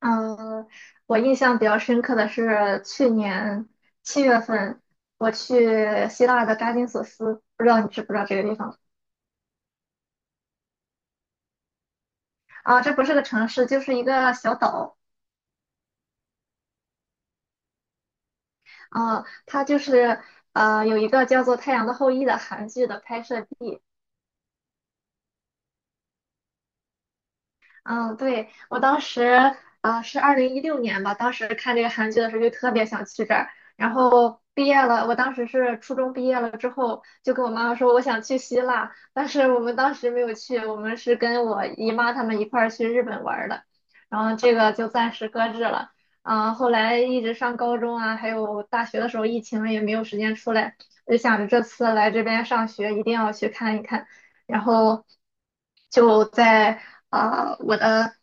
嗯，我印象比较深刻的是去年七月份，我去希腊的扎金索斯，不知道你知不知道这个地方啊？这不是个城市，就是一个小岛啊。它就是有一个叫做《太阳的后裔》的韩剧的拍摄地。嗯，对，我当时啊，是二零一六年吧，当时看这个韩剧的时候就特别想去这儿，然后毕业了，我当时是初中毕业了之后，就跟我妈妈说我想去希腊，但是我们当时没有去，我们是跟我姨妈他们一块儿去日本玩儿的，然后这个就暂时搁置了。后来一直上高中啊，还有大学的时候，疫情了也没有时间出来，我就想着这次来这边上学一定要去看一看，然后。就在啊，我的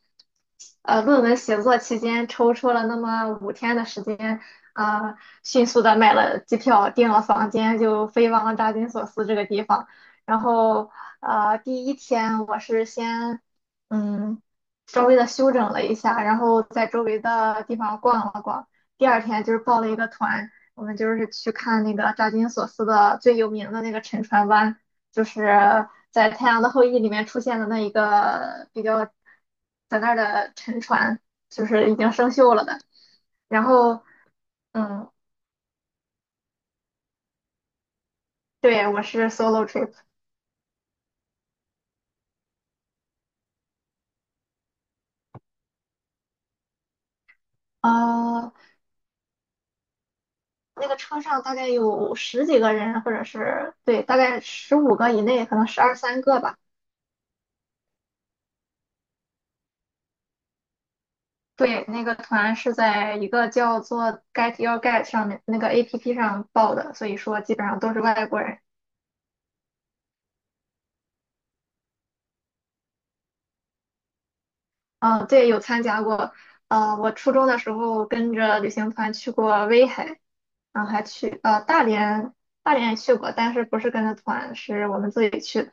论文写作期间抽出了那么五天的时间，啊，迅速的买了机票，订了房间，就飞往了大金索斯这个地方。然后第一天我是先嗯稍微的休整了一下，然后在周围的地方逛了逛。第二天就是报了一个团，我们就是去看那个扎金索斯的最有名的那个沉船湾。就是在《太阳的后裔》里面出现的那一个比较在那儿的沉船，就是已经生锈了的。然后，嗯，对，我是 solo trip，啊，那个车上大概有10几个人，或者是对，大概15个以内，可能12、3个吧。对，那个团是在一个叫做 GetYourGuide 上面那个 APP 上报的，所以说基本上都是外国人。嗯，对，有参加过。我初中的时候跟着旅行团去过威海，然后还去大连，大连也去过，但是不是跟着团，是我们自己去的。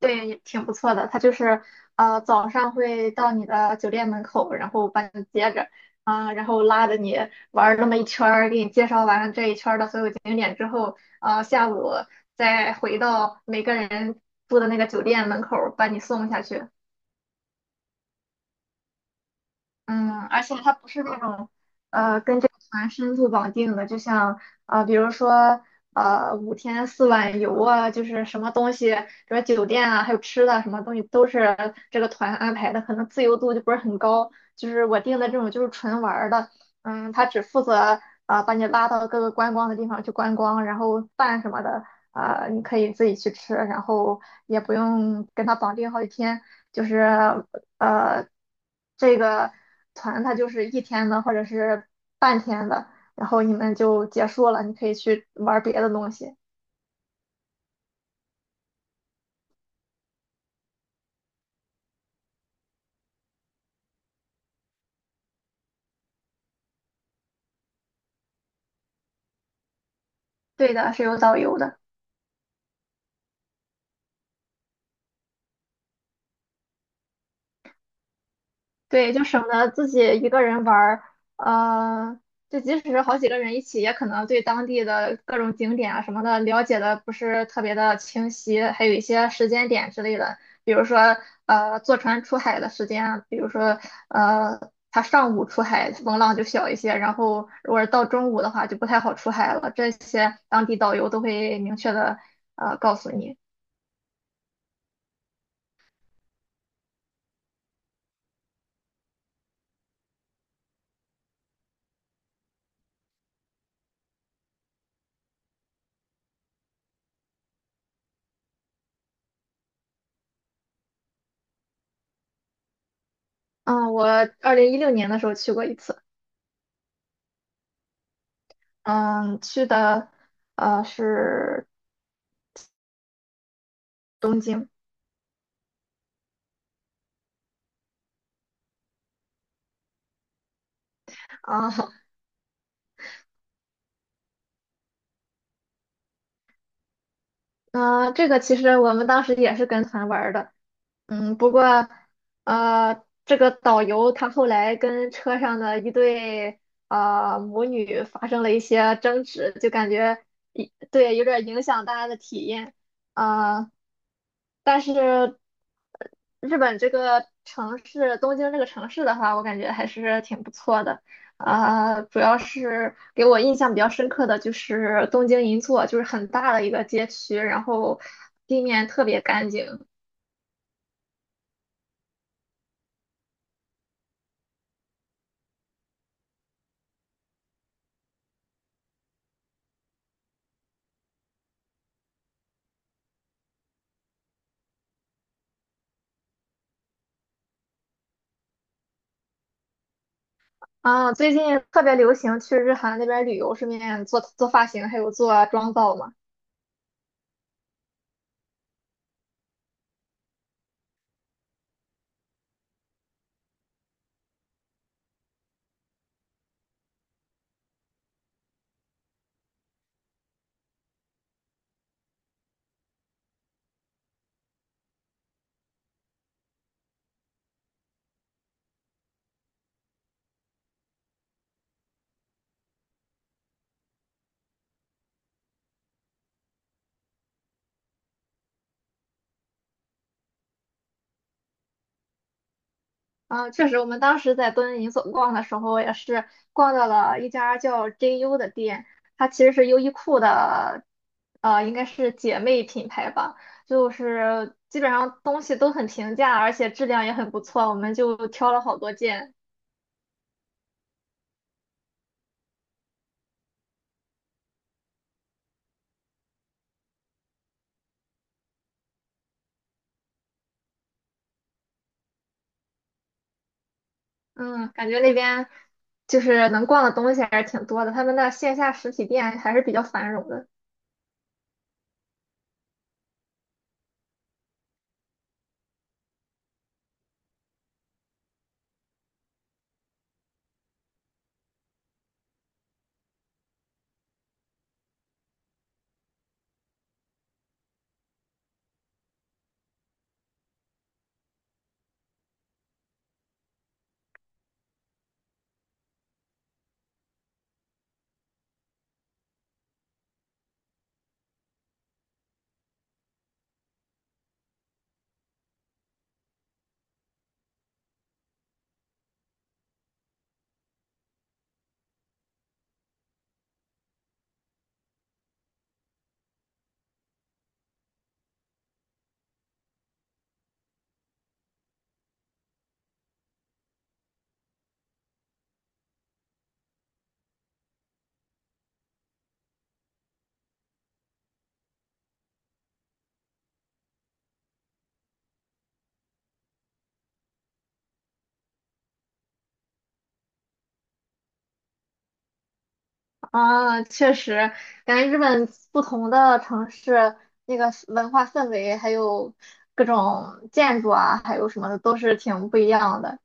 对，也挺不错的。它就是早上会到你的酒店门口，然后把你接着，然后拉着你玩儿那么一圈儿，给你介绍完这一圈儿的所有景点之后，下午再回到每个人住的那个酒店门口儿把你送下去。嗯，而且它不是那种跟这个团深度绑定的，就像比如说5天4晚游啊，就是什么东西，比如酒店啊，还有吃的什么东西都是这个团安排的，可能自由度就不是很高。就是我订的这种就是纯玩儿的，嗯，他只负责把你拉到各个观光的地方去观光，然后饭什么的你可以自己去吃，然后也不用跟他绑定好几天。就是呃，这个团它就是一天的或者是半天的，然后你们就结束了，你可以去玩儿别的东西。对的，是有导游的。对，就省得自己一个人玩儿，呃，就即使是好几个人一起，也可能对当地的各种景点啊什么的了解的不是特别的清晰，还有一些时间点之类的，比如说坐船出海的时间啊，比如说他上午出海风浪就小一些，然后如果是到中午的话就不太好出海了，这些当地导游都会明确的告诉你。嗯，我二零一六年的时候去过一次。嗯，去的是东京。啊，那、这个其实我们当时也是跟团玩儿的，嗯，不过这个导游他后来跟车上的一对母女发生了一些争执，就感觉一对有点儿影响大家的体验，啊，但是日本这个城市，东京这个城市的话，我感觉还是挺不错的。主要是给我印象比较深刻的就是东京银座，就是很大的一个街区，然后地面特别干净。最近特别流行去日韩那边旅游，顺便做做发型，还有做妆造嘛。啊，确实，我们当时在敦银所逛的时候，也是逛到了一家叫 JU 的店，它其实是优衣库的，应该是姐妹品牌吧，就是基本上东西都很平价，而且质量也很不错，我们就挑了好多件，嗯，感觉那边就是能逛的东西还是挺多的，他们的线下实体店还是比较繁荣的。啊，确实，感觉日本不同的城市那个文化氛围，还有各种建筑啊，还有什么的，都是挺不一样的。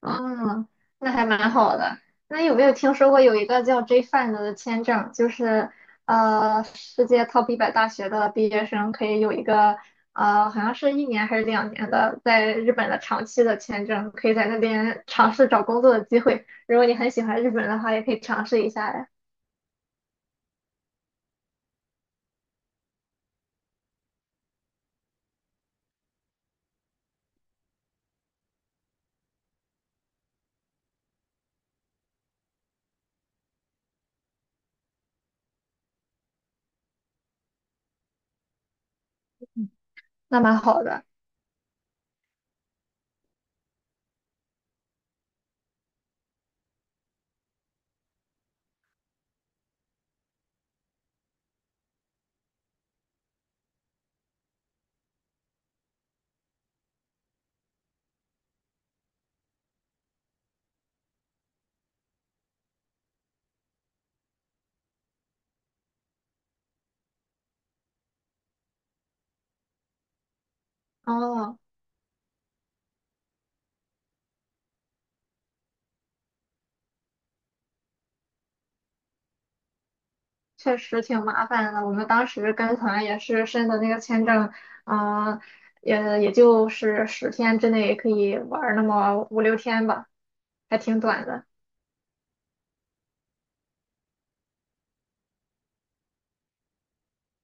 嗯，那还蛮好的。那有没有听说过有一个叫 J-Fan 的签证，就是世界 Top 100大学的毕业生可以有一个好像是1年还是2年的，在日本的长期的签证，可以在那边尝试找工作的机会。如果你很喜欢日本的话，也可以尝试一下。呀。那蛮好的。哦，确实挺麻烦的。我们当时跟团也是申的那个签证，嗯、也也就是10天之内可以玩儿那么5、6天吧，还挺短的。